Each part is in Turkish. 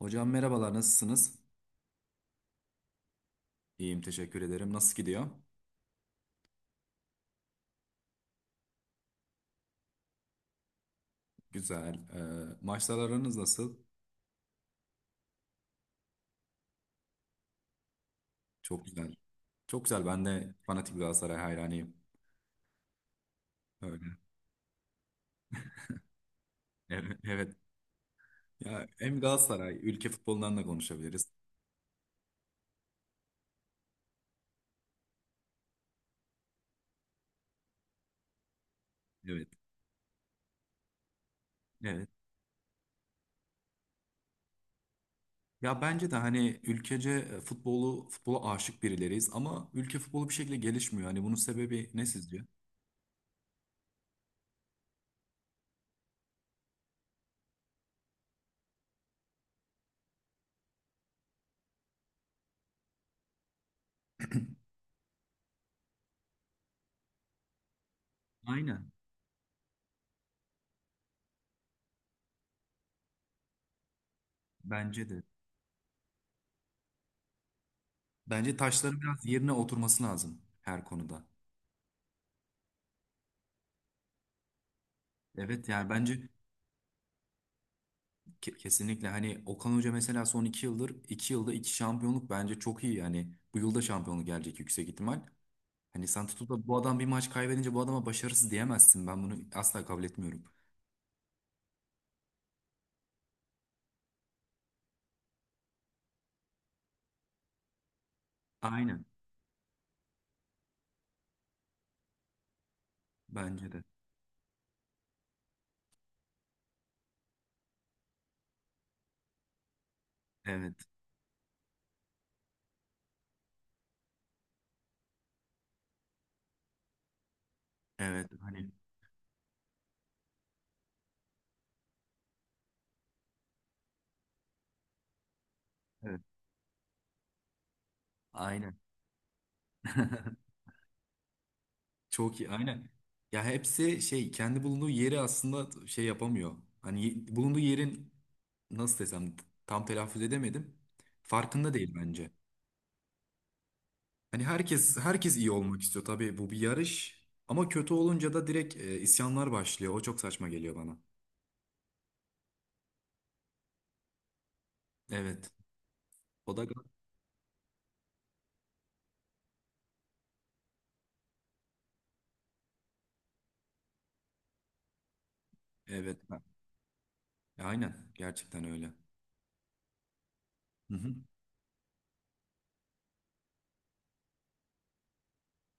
Hocam merhabalar, nasılsınız? İyiyim, teşekkür ederim. Nasıl gidiyor? Güzel. Maçlar aranız nasıl? Çok güzel. Çok güzel. Ben de fanatik Galatasaray hayranıyım. Öyle. Evet. Evet. Ya hem Galatasaray, ülke futbolundan da konuşabiliriz. Evet. Evet. Ya bence de hani ülkece futbola aşık birileriyiz ama ülke futbolu bir şekilde gelişmiyor. Hani bunun sebebi ne sizce? Aynen. Bence de. Bence taşların biraz yerine oturması lazım her konuda. Evet, yani bence. Kesinlikle, hani Okan Hoca mesela son iki yıldır iki yılda iki şampiyonluk bence çok iyi, yani bu yılda şampiyonluk gelecek yüksek ihtimal. Hani sen tutup da bu adam bir maç kaybedince bu adama başarısız diyemezsin, ben bunu asla kabul etmiyorum. Aynen, bence de. Evet, evet, hani evet, aynen. Çok iyi, aynen. Ya hepsi şey, kendi bulunduğu yeri aslında şey yapamıyor. Hani bulunduğu yerin nasıl desem, tam telaffuz edemedim, farkında değil bence. Hani herkes iyi olmak istiyor tabii, bu bir yarış, ama kötü olunca da direkt isyanlar başlıyor. O çok saçma geliyor bana. Evet. O da evet. Aynen, gerçekten öyle. Hı hı.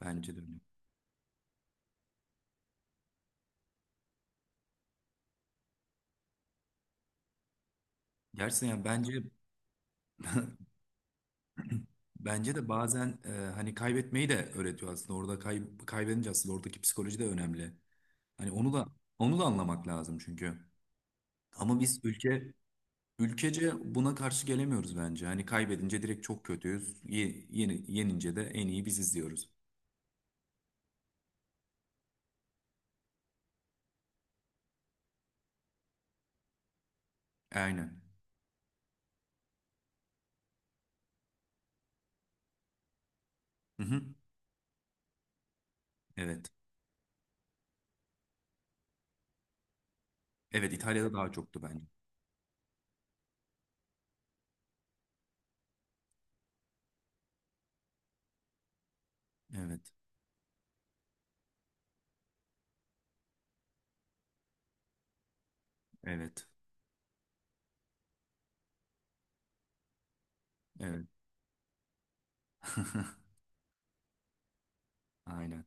Bence de öyle. Gerçekten, yani bence de bazen hani kaybetmeyi de öğretiyor aslında. Orada kaybedince aslında oradaki psikoloji de önemli. Hani onu da anlamak lazım çünkü. Ama biz ülkece buna karşı gelemiyoruz bence. Hani kaybedince direkt çok kötüyüz. Yenince de en iyi biziz diyoruz. Aynen. Hı hı. Evet. Evet, İtalya'da daha çoktu bence. Evet. Evet. Evet. Aynen.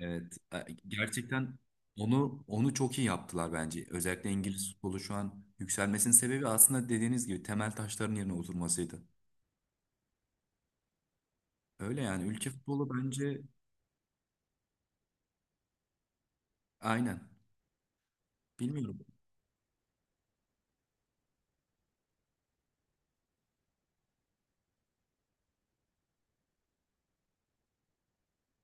Evet. Gerçekten onu çok iyi yaptılar bence. Özellikle İngiliz futbolu şu an yükselmesinin sebebi aslında, dediğiniz gibi, temel taşların yerine oturmasıydı. Öyle yani, ülke futbolu bence aynen. Bilmiyorum.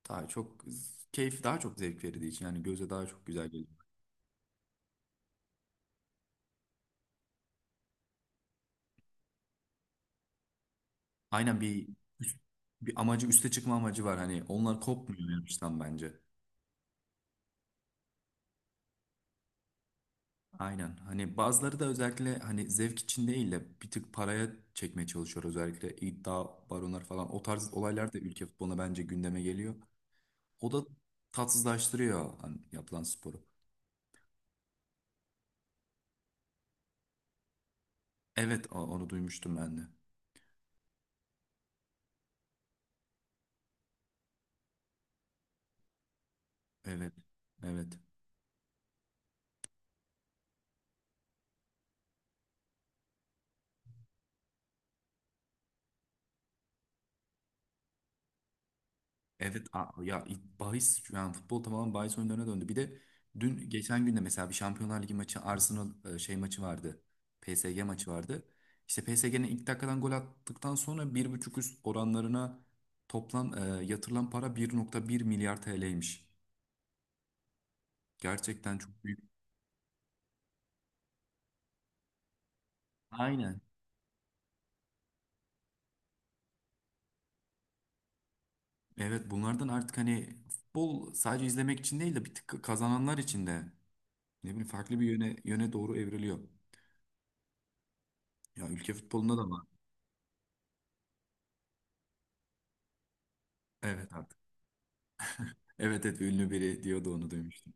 Daha çok keyif, daha çok zevk verdiği için yani, göze daha çok güzel geliyor. Aynen, bir amacı, üste çıkma amacı var, hani onlar kopmuyor yarıştan bence. Aynen. Hani bazıları da özellikle hani zevk için değil de bir tık paraya çekmeye çalışıyor. Özellikle iddia baronlar falan. O tarz olaylar da ülke futboluna bence gündeme geliyor. O da tatsızlaştırıyor hani yapılan sporu. Evet, onu duymuştum ben de. Evet. Evet. Evet. Ya bahis, yani futbol tamamen bahis oyunlarına döndü. Bir de dün, geçen günde, mesela bir Şampiyonlar Ligi maçı, Arsenal şey maçı vardı. PSG maçı vardı. İşte PSG'nin ilk dakikadan gol attıktan sonra bir buçuk üst oranlarına toplam yatırılan para 1,1 milyar TL'ymiş. Gerçekten çok büyük. Aynen. Evet, bunlardan artık hani futbol sadece izlemek için değil de bir tık kazananlar için de, ne bileyim, farklı bir yöne doğru evriliyor. Ya ülke futbolunda da var. Evet abi. Evet, evet, ünlü biri diyordu, onu duymuştum.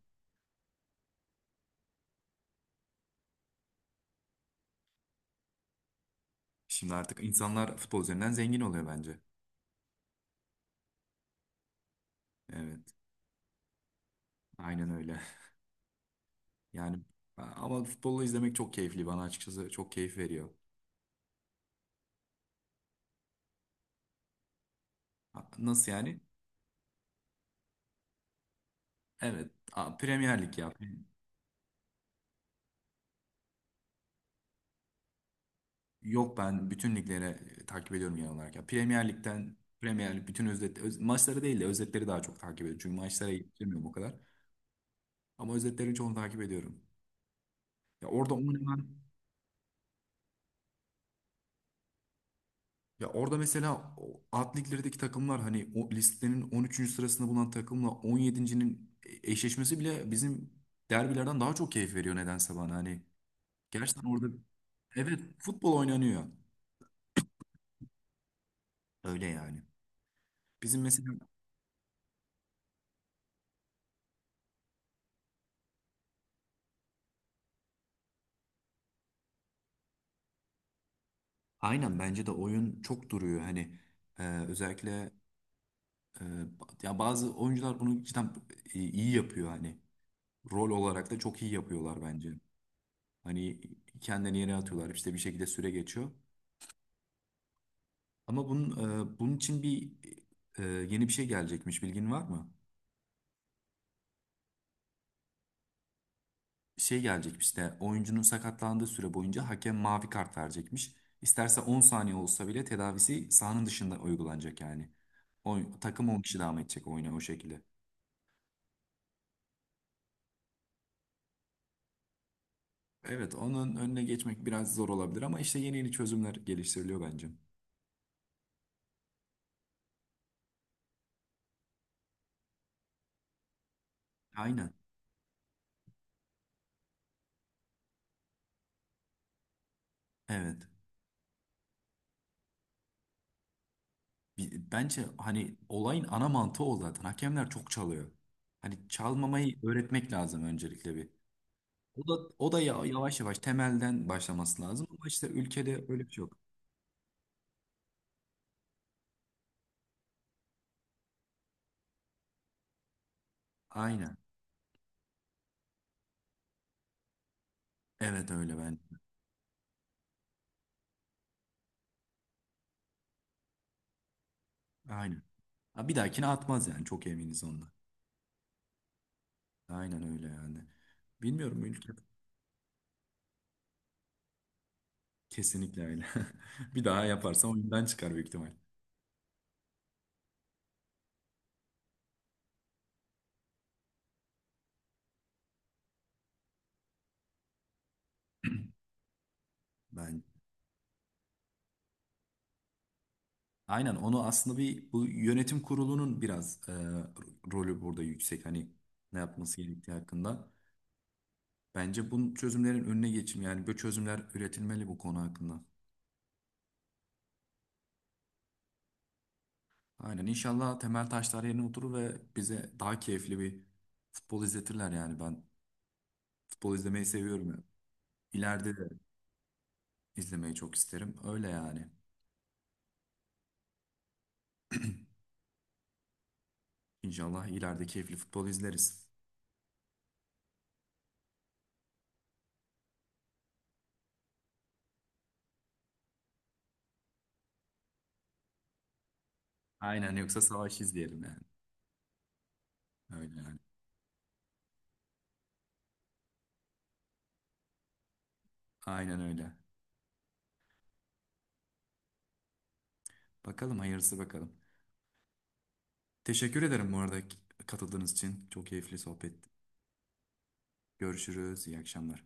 Şimdi artık insanlar futbol üzerinden zengin oluyor bence. Evet, aynen öyle. Yani ama futbolu izlemek çok keyifli bana, açıkçası çok keyif veriyor. Ha, nasıl yani? Evet, Premier Lig ya. Yok, ben bütün liglere takip ediyorum genel olarak. Ya, Premier Lig bütün maçları değil de özetleri daha çok takip ediyorum. Çünkü maçlara yetişemiyorum o kadar. Ama özetlerin çoğunu takip ediyorum. Ya orada oynanan. Ya orada mesela o alt liglerdeki takımlar, hani o listenin 13. sırasında bulunan takımla 17.'nin eşleşmesi bile bizim derbilerden daha çok keyif veriyor nedense bana. Hani gerçekten orada, evet, futbol oynanıyor. Öyle yani. Bizim mesela, aynen, bence de oyun çok duruyor. Hani özellikle e, ya bazı oyuncular bunu cidden iyi yapıyor hani. Rol olarak da çok iyi yapıyorlar bence. Hani kendini yere atıyorlar, işte bir şekilde süre geçiyor. Ama bunun için bir yeni bir şey gelecekmiş, bilgin var mı? Şey gelecekmiş de, oyuncunun sakatlandığı süre boyunca hakem mavi kart verecekmiş. İsterse 10 saniye olsa bile tedavisi sahanın dışında uygulanacak yani. Takım 10 kişi devam edecek oyuna o şekilde. Evet, onun önüne geçmek biraz zor olabilir ama işte yeni yeni çözümler geliştiriliyor bence. Aynen. Evet. Bence hani olayın ana mantığı o zaten. Hakemler çok çalıyor. Hani çalmamayı öğretmek lazım öncelikle bir. O da yavaş yavaş temelden başlaması lazım ama işte ülkede öyle bir şey yok. Aynen. Evet öyle ben. Aynen. Ha, bir dahakine atmaz yani, çok eminiz ondan. Aynen öyle yani. Bilmiyorum ülke. Kesinlikle öyle. Bir daha yaparsa oyundan çıkar büyük ihtimal. Ben aynen, onu aslında, bir bu yönetim kurulunun biraz rolü burada yüksek. Hani ne yapması gerektiği hakkında. Bence bunun çözümlerin önüne geçim, yani böyle çözümler üretilmeli bu konu hakkında. Aynen, inşallah temel taşlar yerine oturur ve bize daha keyifli bir futbol izletirler yani. Ben futbol izlemeyi seviyorum ya. İleride de izlemeyi çok isterim. Öyle yani. İnşallah ileride keyifli futbol izleriz. Aynen, yoksa savaş izleyelim yani. Öyle yani. Aynen öyle. Bakalım hayırlısı, bakalım. Teşekkür ederim bu arada katıldığınız için. Çok keyifli sohbet. Görüşürüz. İyi akşamlar.